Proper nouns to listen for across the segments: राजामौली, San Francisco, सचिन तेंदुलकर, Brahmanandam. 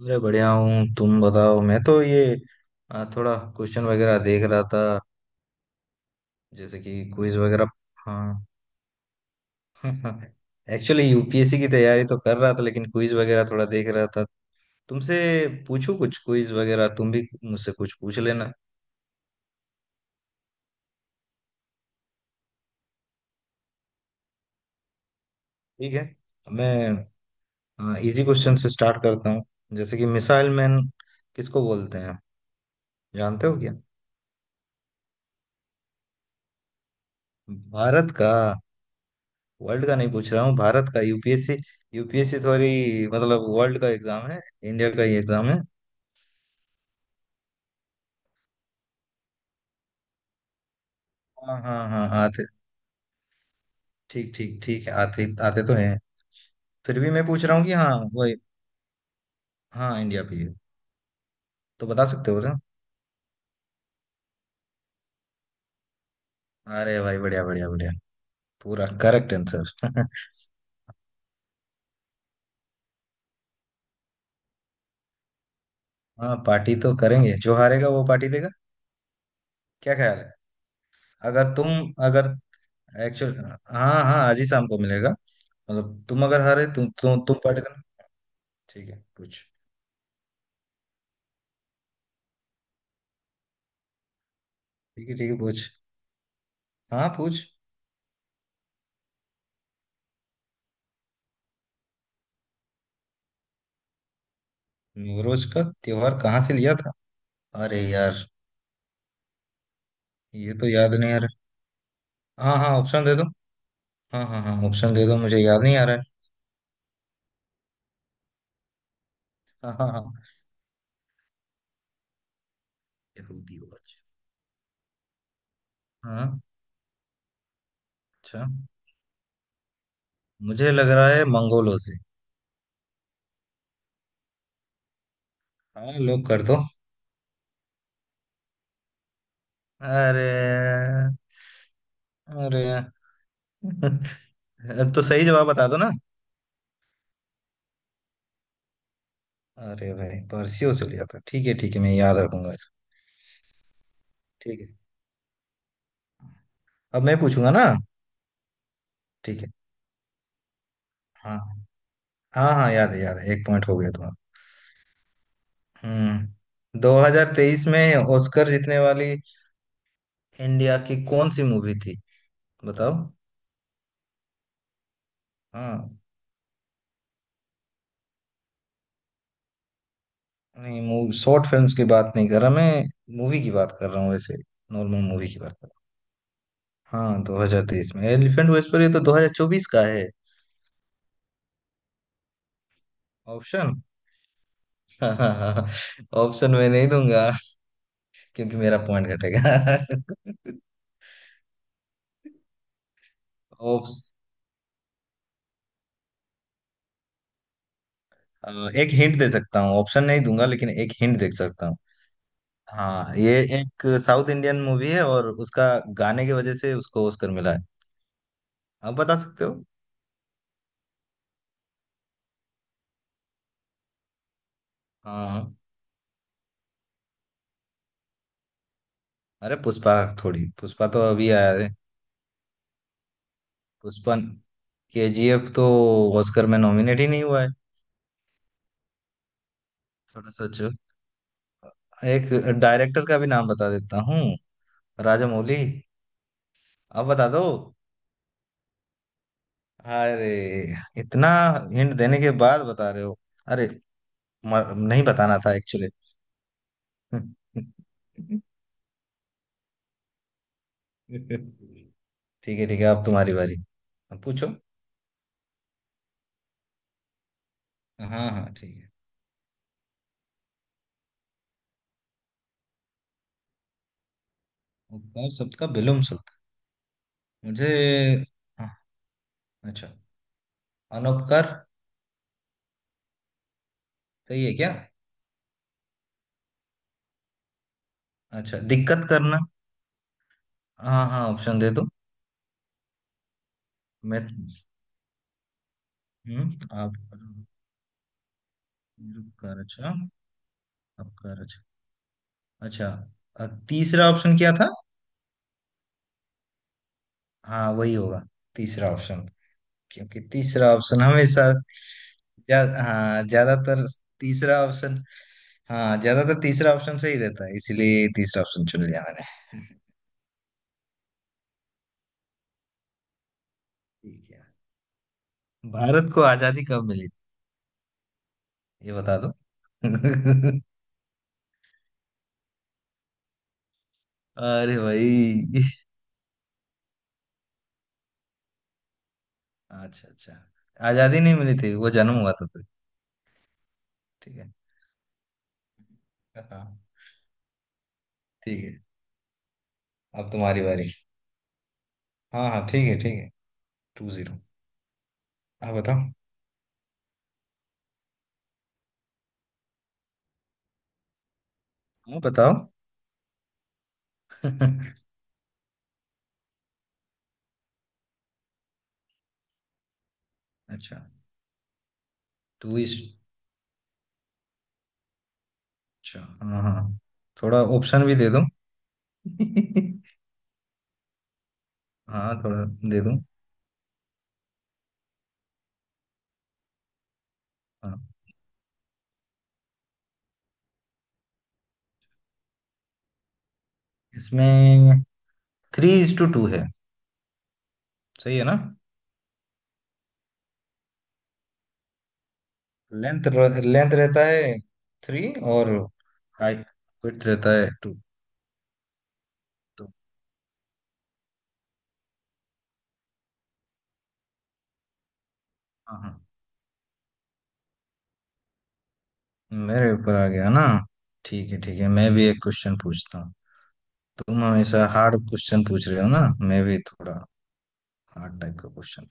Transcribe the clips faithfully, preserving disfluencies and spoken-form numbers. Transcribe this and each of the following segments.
अरे बढ़िया हूँ। तुम बताओ। मैं तो ये आ, थोड़ा क्वेश्चन वगैरह देख रहा था। जैसे कि क्विज वगैरह। हाँ। एक्चुअली यूपीएससी की तैयारी तो कर रहा था, लेकिन क्विज वगैरह थोड़ा देख रहा था। तुमसे पूछूं कुछ क्विज वगैरह, तुम भी मुझसे कुछ पूछ लेना। ठीक है, मैं इजी क्वेश्चन से स्टार्ट करता हूँ। जैसे कि मिसाइल मैन किसको बोलते हैं? जानते हो क्या? भारत का। वर्ल्ड का नहीं पूछ रहा हूँ, भारत का। यूपीएससी, यूपीएससी थोड़ी मतलब वर्ल्ड का एग्जाम है। इंडिया का ही एग्जाम है। हाँ हाँ हाँ, आते। ठीक ठीक ठीक है, आते आते तो हैं। फिर भी मैं पूछ रहा हूँ कि हाँ, वही। हाँ, इंडिया पे ही है। तो बता सकते हो ना। अरे भाई, बढ़िया बढ़िया बढ़िया। पूरा करेक्ट आंसर। हाँ, पार्टी तो करेंगे। जो हारेगा वो पार्टी देगा। क्या ख्याल है? अगर तुम, अगर, एक्चुअल, हाँ हाँ, आज ही शाम को मिलेगा। मतलब तुम अगर हारे, तुम तु, तुम पार्टी देना। ठीक है, पूछ। ठीक है ठीक है, पूछ। हाँ पूछ। नवरोज का त्योहार कहाँ से लिया था? अरे यार, ये तो याद नहीं आ रहा। हाँ हाँ, ऑप्शन दे दो। हाँ हाँ हाँ, ऑप्शन दे दो, मुझे याद नहीं आ रहा है। हाँ हाँ हाँ। यहूदी वॉच। हाँ। अच्छा, मुझे लग रहा है मंगोलों से। हाँ, लोग कर दो। अरे। अरे। अब तो सही जवाब बता दो ना। अरे भाई, पारसियों से लिया था, ठीक है ठीक है, मैं याद रखूंगा इसको। ठीक है, अब मैं पूछूंगा ना। ठीक है। हाँ हाँ हाँ, याद है याद है, एक पॉइंट हो गया तुम्हारा। हम्म, दो हज़ार तेईस में ऑस्कर जीतने वाली इंडिया की कौन सी मूवी थी? बताओ। हाँ। नहीं, मूवी, शॉर्ट फिल्म्स की बात नहीं कर रहा मैं। मूवी की बात कर रहा हूँ। वैसे नॉर्मल मूवी की बात कर रहा हूँ। हाँ, दो हज़ार तेईस में, एलिफेंट व्हिस्परर ये तो दो हज़ार चौबीस का है। ऑप्शन। ऑप्शन मैं नहीं दूंगा क्योंकि मेरा पॉइंट घटेगा। ऑप्स- अ, एक हिंट दे सकता हूँ। ऑप्शन नहीं दूंगा, लेकिन एक हिंट दे सकता। हाँ ये, एक साउथ इंडियन मूवी है और उसका गाने की वजह से उसको ऑस्कर मिला है। आप बता सकते हो। हाँ हाँ। अरे, पुष्पा थोड़ी। पुष्पा तो अभी आया है। पुष्पा, केजीएफ तो ऑस्कर में नॉमिनेट ही नहीं हुआ है। थोड़ा सोचो। एक डायरेक्टर का भी नाम बता देता हूँ। राजामौली। आप बता दो। अरे, इतना हिंट देने के बाद बता रहे हो। अरे, म- नहीं बताना था एक्चुअली। ठीक है ठीक है, अब तुम्हारी बारी। अब पूछो। हाँ हाँ हाँ, ठीक है। उपकार शब्द का विलोम शब्द। मुझे, हाँ, अच्छा, अनउपकार। सही है क्या? अच्छा, दिक्कत करना। हाँ हाँ, ऑप्शन दे दो। मैं। हम्म, आप। उपकार, अच्छा। अपकार, अच्छा। अच्छा, अ, तीसरा ऑप्शन क्या था? हाँ, वही होगा। तीसरा ऑप्शन। क्योंकि तीसरा ऑप्शन हमेशा ज्या- हाँ, ज्यादातर तीसरा ऑप्शन। हाँ, ज्यादातर तीसरा ऑप्शन सही रहता है, इसीलिए तीसरा ऑप्शन चुन लिया मैंने। ठीक है। भारत को आजादी कब मिली थी? ये बता दो। अरे भाई। अच्छा अच्छा। आजादी नहीं मिली थी, वो जन्म हुआ था तुझे। ठीक है। हाँ। ठीक है, अब तुम्हारी बारी। हाँ हाँ ठीक है ठीक है। Two zero. हाँ बताओ। हाँ बताओ। अच्छा, टू इस, अच्छा हाँ हाँ। थोड़ा ऑप्शन भी दे दो। हाँ, थोड़ा दे दो। हाँ। इसमें थ्री इज टू टू है। सही है ना? लेंथ। लेंथ रहता है थ्री और हाइट, विड्थ रहता है टू। तो। हाँ हाँ। मेरे ऊपर आ गया ना। ठीक है ठीक है, मैं भी एक क्वेश्चन पूछता हूँ। तुम हमेशा हार्ड क्वेश्चन पूछ रहे हो ना, मैं भी थोड़ा हार्ड टाइप का क्वेश्चन।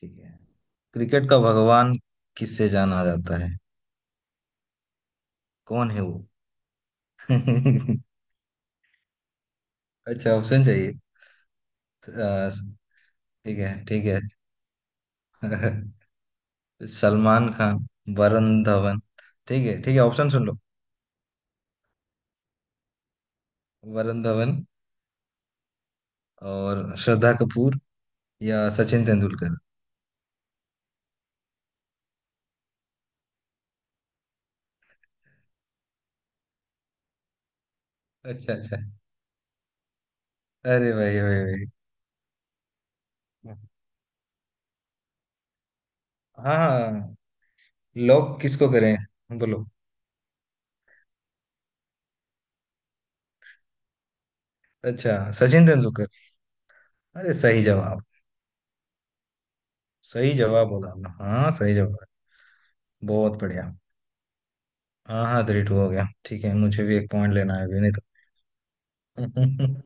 ठीक है। क्रिकेट का भगवान किससे जाना जाता है? कौन है वो? अच्छा, ऑप्शन चाहिए। अ, ठीक है ठीक है। सलमान खान, वरुण धवन, ठीक है ठीक है, ऑप्शन सुन लो। वरुण धवन, और श्रद्धा कपूर, या सचिन तेंदुलकर। अच्छा अच्छा। अरे भाई भाई भाई। हाँ हाँ, लॉक किसको करें? बोलो। अच्छा, सचिन तेंदुलकर। अरे, सही जवाब। सही जवाब बोला आपने। हाँ, सही जवाब। बहुत बढ़िया। हाँ हाँ, थ्री टू हो गया। ठीक है, मुझे भी एक पॉइंट लेना है, अभी नहीं तो।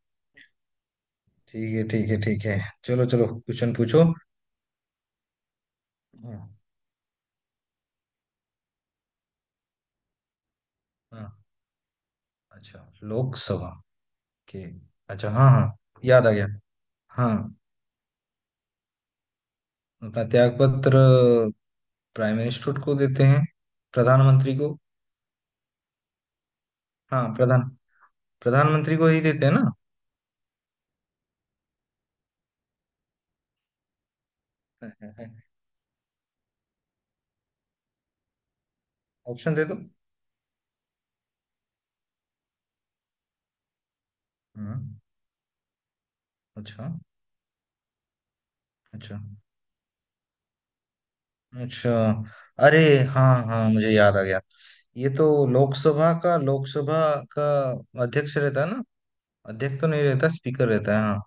ठीक है ठीक है ठीक है। चलो चलो, क्वेश्चन पूछो। हाँ। हाँ, अच्छा। लोकसभा के। अच्छा हाँ हाँ, याद आ गया। हाँ। अपना त्याग पत्र प्राइम मिनिस्टर को देते हैं, प्रधानमंत्री को। हाँ, प्रधान, प्रधानमंत्री को ही देते हैं ना? ऑप्शन दे दो। हाँ। अच्छा। अच्छा। अच्छा। अरे। हाँ हाँ, मुझे याद आ गया। ये तो लोकसभा का, लोकसभा का अध्यक्ष रहता है ना। अध्यक्ष तो नहीं रहता, स्पीकर रहता है, हाँ।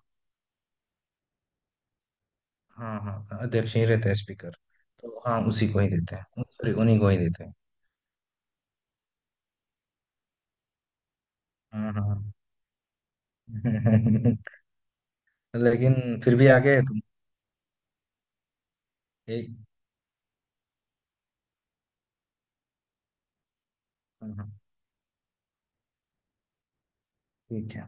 हाँ हाँ, अध्यक्ष ही रहता है, स्पीकर। तो हाँ, उसी को ही देते हैं, सॉरी, उन्हीं को ही देते हैं। हाँ हाँ। लेकिन फिर भी आगे है तुम। यही। हाँ हाँ ठीक है।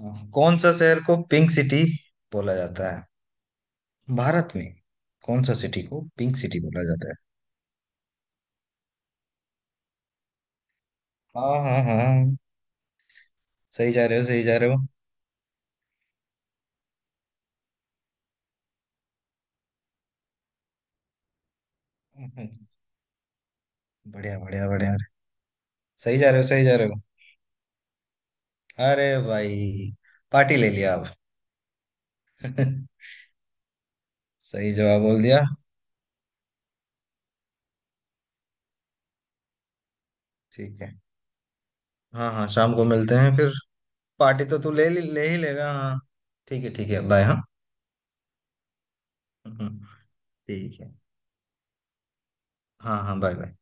हाँ, कौन सा शहर को पिंक सिटी बोला जाता है? भारत में कौन सा सिटी को पिंक सिटी बोला जाता है? हाँ हाँ हाँ हाँ। सही जा रहे हो, सही जा रहे हो। बढ़िया बढ़िया बढ़िया। सही जा रहे हो, सही जा रहे हो। अरे भाई, पार्टी ले लिया आप। सही जवाब बोल दिया। ठीक है, हाँ हाँ, शाम को मिलते हैं फिर। पार्टी तो तू ले ले ही लेगा, हाँ। ठीक है ठीक है, बाय, हाँ। ठीक है, हाँ हाँ, बाय बाय।